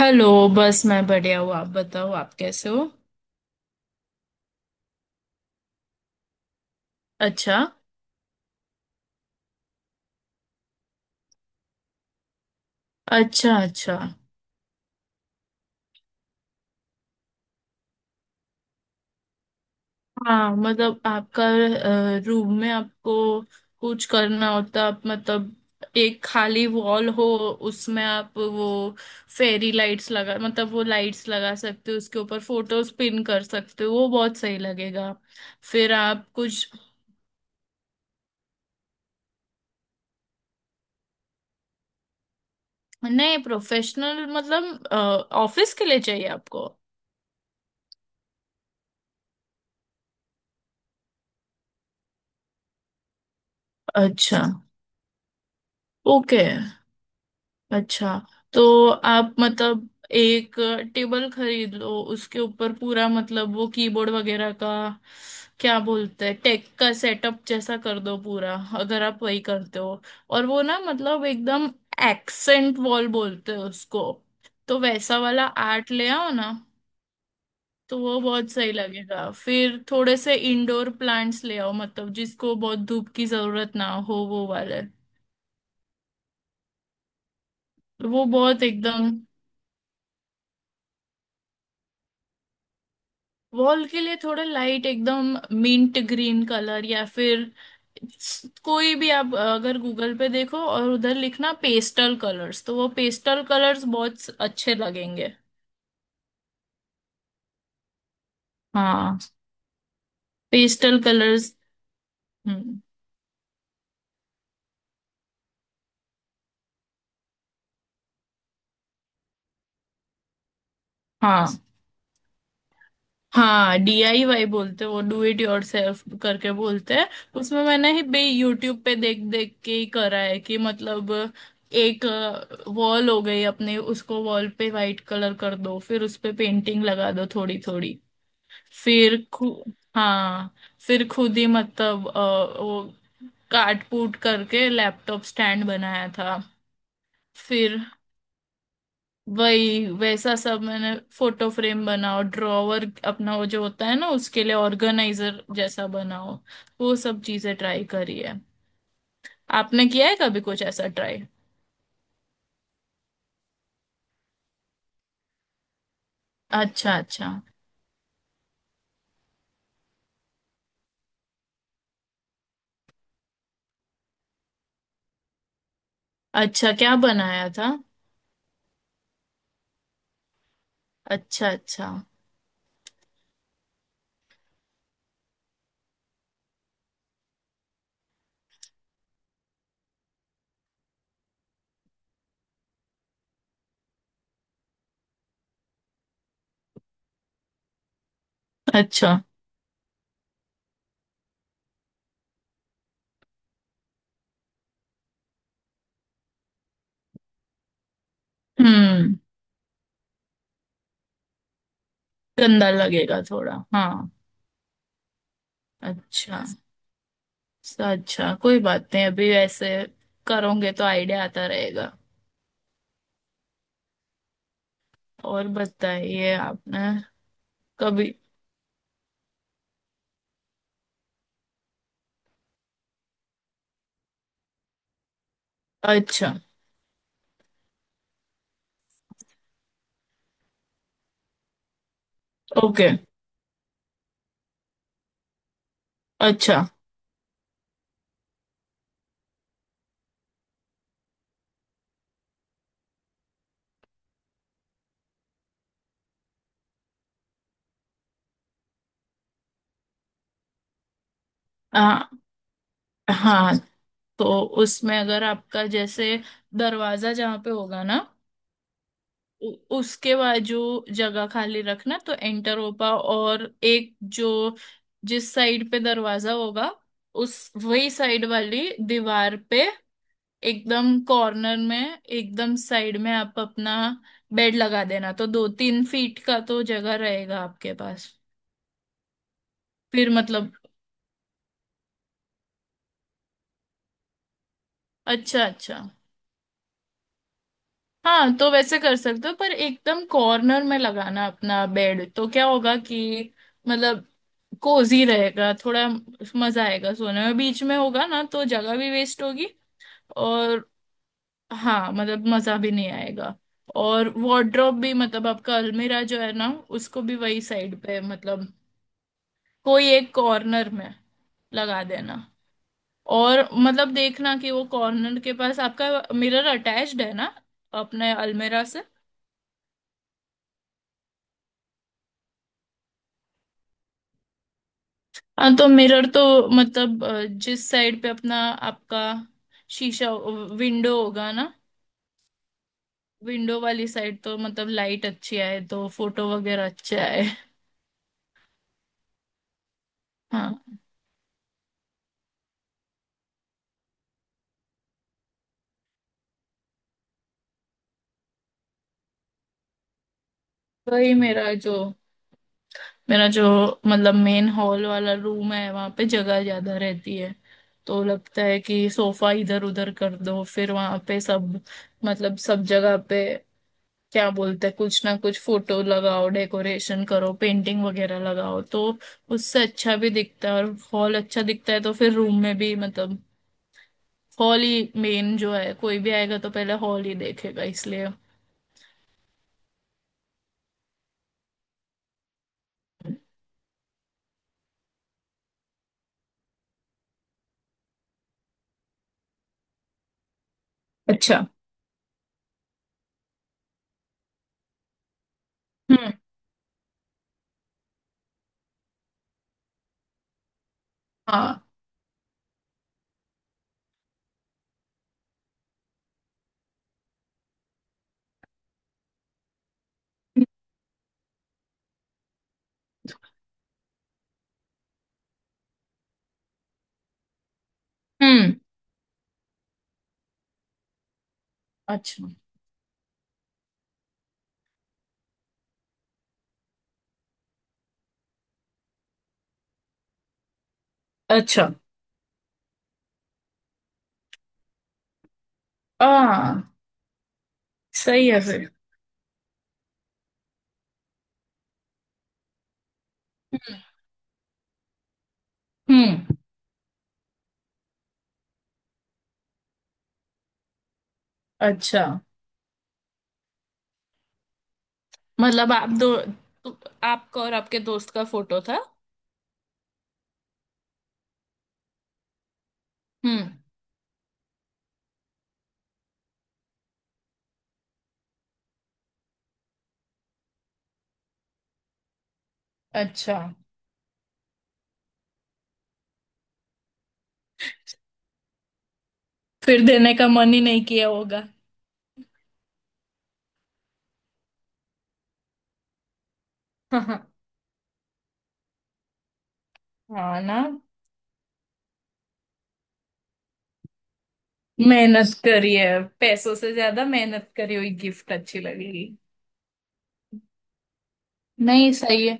Hello. बस मैं बढ़िया हूँ, आप बताओ, आप कैसे हो? अच्छा। अच्छा। अच्छा। हाँ मतलब आपका रूम में आपको कुछ करना होता, आप मतलब एक खाली वॉल हो, उसमें आप वो फेरी लाइट्स लगा, मतलब वो लाइट्स लगा सकते हो, उसके ऊपर फोटोज पिन कर सकते हो, वो बहुत सही लगेगा। फिर आप कुछ नए प्रोफेशनल मतलब ऑफिस के लिए चाहिए आपको? अच्छा। ओके। अच्छा। तो आप मतलब एक टेबल खरीद लो, उसके ऊपर पूरा मतलब वो कीबोर्ड वगैरह का क्या बोलते हैं, टेक का सेटअप जैसा कर दो पूरा, अगर आप वही करते हो। और वो ना मतलब एकदम एक्सेंट वॉल बोलते हैं उसको, तो वैसा वाला आर्ट ले आओ ना। तो वो बहुत सही लगेगा। फिर थोड़े से इंडोर प्लांट्स ले आओ, मतलब जिसको बहुत धूप की जरूरत ना हो वो वाले। तो वो बहुत एकदम, वॉल के लिए थोड़ा लाइट एकदम मिंट ग्रीन कलर या फिर कोई भी, आप अगर गूगल पे देखो और उधर लिखना पेस्टल कलर्स, तो वो पेस्टल कलर्स बहुत अच्छे लगेंगे। हाँ। Pastel colours. हम्म। हाँ हाँ, डीआईवाई बोलते हैं वो, डू इट योरसेल्फ करके बोलते हैं। उसमें मैंने ही बे यूट्यूब पे देख देख के ही करा है कि मतलब, एक वॉल हो गई अपने, उसको वॉल पे वाइट कलर कर दो, फिर उस पे पेंटिंग लगा दो थोड़ी थोड़ी। फिर खु हाँ, फिर खुद ही मतलब वो काट कूट करके लैपटॉप स्टैंड बनाया था। फिर वही वैसा सब मैंने फोटो फ्रेम बनाओ, ड्रॉवर अपना वो जो होता है ना उसके लिए ऑर्गेनाइजर जैसा बनाओ, वो सब चीजें ट्राई करी है। आपने किया है कभी कुछ ऐसा ट्राई? अच्छा। अच्छा। अच्छा, क्या बनाया था? अच्छा। अच्छा। अच्छा। हम्म, गंदा लगेगा थोड़ा, हाँ। अच्छा। अच्छा, कोई बात नहीं, अभी ऐसे करोगे तो आइडिया आता रहेगा। और बताइए, आपने कभी? अच्छा। ओके। अच्छा। हाँ हाँ, तो उसमें अगर आपका जैसे दरवाजा जहाँ पे होगा ना, उ, उसके बाजू जगह खाली रखना तो एंटर हो पा, और एक जो जिस साइड पे दरवाजा होगा, उस वही साइड वाली दीवार पे, एकदम कॉर्नर में एकदम साइड में आप अपना बेड लगा देना, तो दो तीन फीट का तो जगह रहेगा आपके पास। फिर मतलब। अच्छा। अच्छा। हाँ, तो वैसे कर सकते हो, पर एकदम कॉर्नर में लगाना अपना बेड तो क्या होगा कि मतलब कोजी रहेगा थोड़ा, मजा आएगा सोने में। बीच में होगा ना तो जगह भी वेस्ट होगी, और हाँ मतलब मजा भी नहीं आएगा। और वार्डरोब भी मतलब आपका अलमीरा जो है ना, उसको भी वही साइड पे मतलब कोई एक कॉर्नर में लगा देना। और मतलब देखना कि वो कॉर्नर के पास आपका मिरर अटैच्ड है ना अपने अलमीरा से। हाँ तो मिरर तो मतलब जिस साइड पे अपना आपका शीशा, विंडो होगा ना, विंडो वाली साइड तो मतलब लाइट अच्छी आए तो फोटो वगैरह अच्छे आए। हाँ, वही मेरा जो मतलब मेन हॉल वाला रूम है, वहां पे जगह ज्यादा रहती है, तो लगता है कि सोफा इधर उधर कर दो, फिर वहां पे सब मतलब सब जगह पे क्या बोलते हैं कुछ ना कुछ फोटो लगाओ, डेकोरेशन करो, पेंटिंग वगैरह लगाओ, तो उससे अच्छा भी दिखता है, और हॉल अच्छा दिखता है, तो फिर रूम में भी मतलब हॉल ही मेन जो है, कोई भी आएगा तो पहले हॉल ही देखेगा इसलिए। अच्छा। हम्म। हाँ। हम्म। अच्छा। अच्छा। आ, सही है फिर। हम्म। अच्छा, मतलब। आपका और आपके दोस्त का फोटो था? हम्म। अच्छा। फिर देने का मन ही नहीं किया होगा? हाँ ना, मेहनत करी है, पैसों से ज्यादा मेहनत करी हुई गिफ्ट अच्छी लगेगी। नहीं, सही है।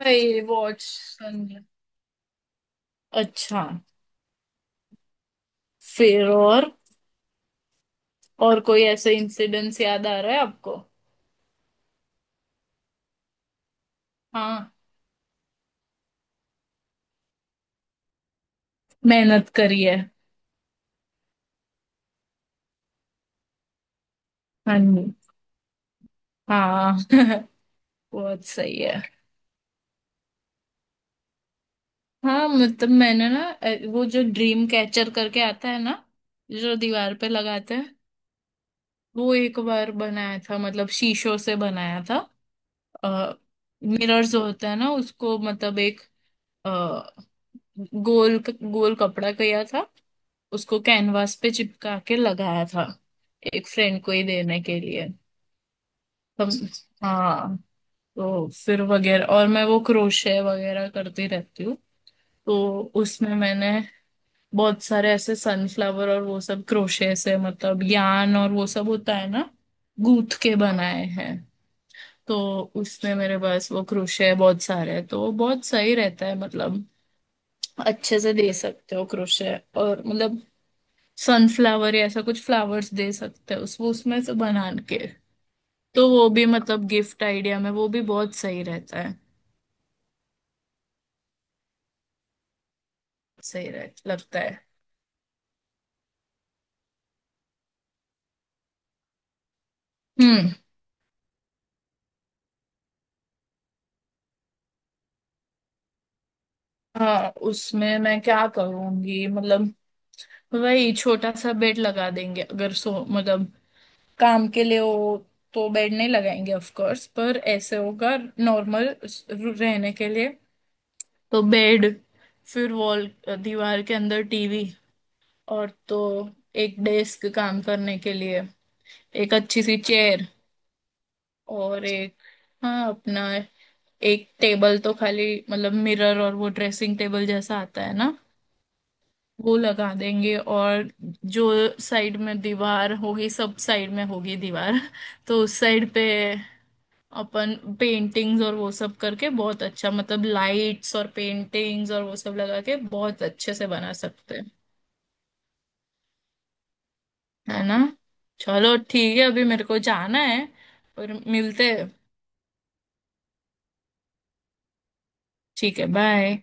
भाई वॉच संग। अच्छा। फिर और। और कोई ऐसे इंसिडेंट्स याद आ रहा है आपको? हाँ, मेहनत करी है। हाँ जी। हाँ। बहुत सही है। हाँ मतलब मैंने ना वो जो ड्रीम कैचर करके आता है ना, जो दीवार पे लगाते हैं, वो एक बार बनाया था, मतलब शीशों से बनाया था। आ, मिरर्स होता है ना उसको, मतलब एक अ, गोल गोल कपड़ा किया था, उसको कैनवास पे चिपका के लगाया था, एक फ्रेंड को ही देने के लिए। हम। हाँ। तो फिर वगैरह, और मैं वो क्रोशे वगैरह करती रहती हूँ, तो उसमें मैंने बहुत सारे ऐसे सनफ्लावर और वो सब क्रोशे से मतलब यान और वो सब होता है ना, गूंथ के बनाए हैं। तो उसमें मेरे पास वो क्रोशे बहुत सारे हैं, तो वो बहुत सही रहता है, मतलब अच्छे से दे सकते हो क्रोशे, और मतलब सनफ्लावर या ऐसा कुछ फ्लावर्स दे सकते हो उस वो उसमें से बना के, तो वो भी मतलब गिफ्ट आइडिया में वो भी बहुत सही रहता है। सही रह लगता है। हम्म। हाँ, उसमें मैं क्या करूंगी मतलब, वही छोटा सा बेड लगा देंगे, अगर सो मतलब काम के लिए हो तो बेड नहीं लगाएंगे ऑफ कोर्स, पर ऐसे होगा नॉर्मल रहने के लिए। तो बेड, फिर वॉल दीवार के अंदर टीवी, और तो एक डेस्क काम करने के लिए, एक अच्छी सी चेयर, और एक हाँ अपना, एक टेबल तो खाली मतलब मिरर, और वो ड्रेसिंग टेबल जैसा आता है ना, वो लगा देंगे, और जो साइड में दीवार होगी, सब साइड में होगी दीवार तो उस साइड पे अपन पेंटिंग्स और वो सब करके बहुत अच्छा, मतलब लाइट्स और पेंटिंग्स और वो सब लगा के बहुत अच्छे से बना सकते हैं। है ना? चलो ठीक है, अभी मेरे को जाना है, पर मिलते हैं। ठीक है, बाय।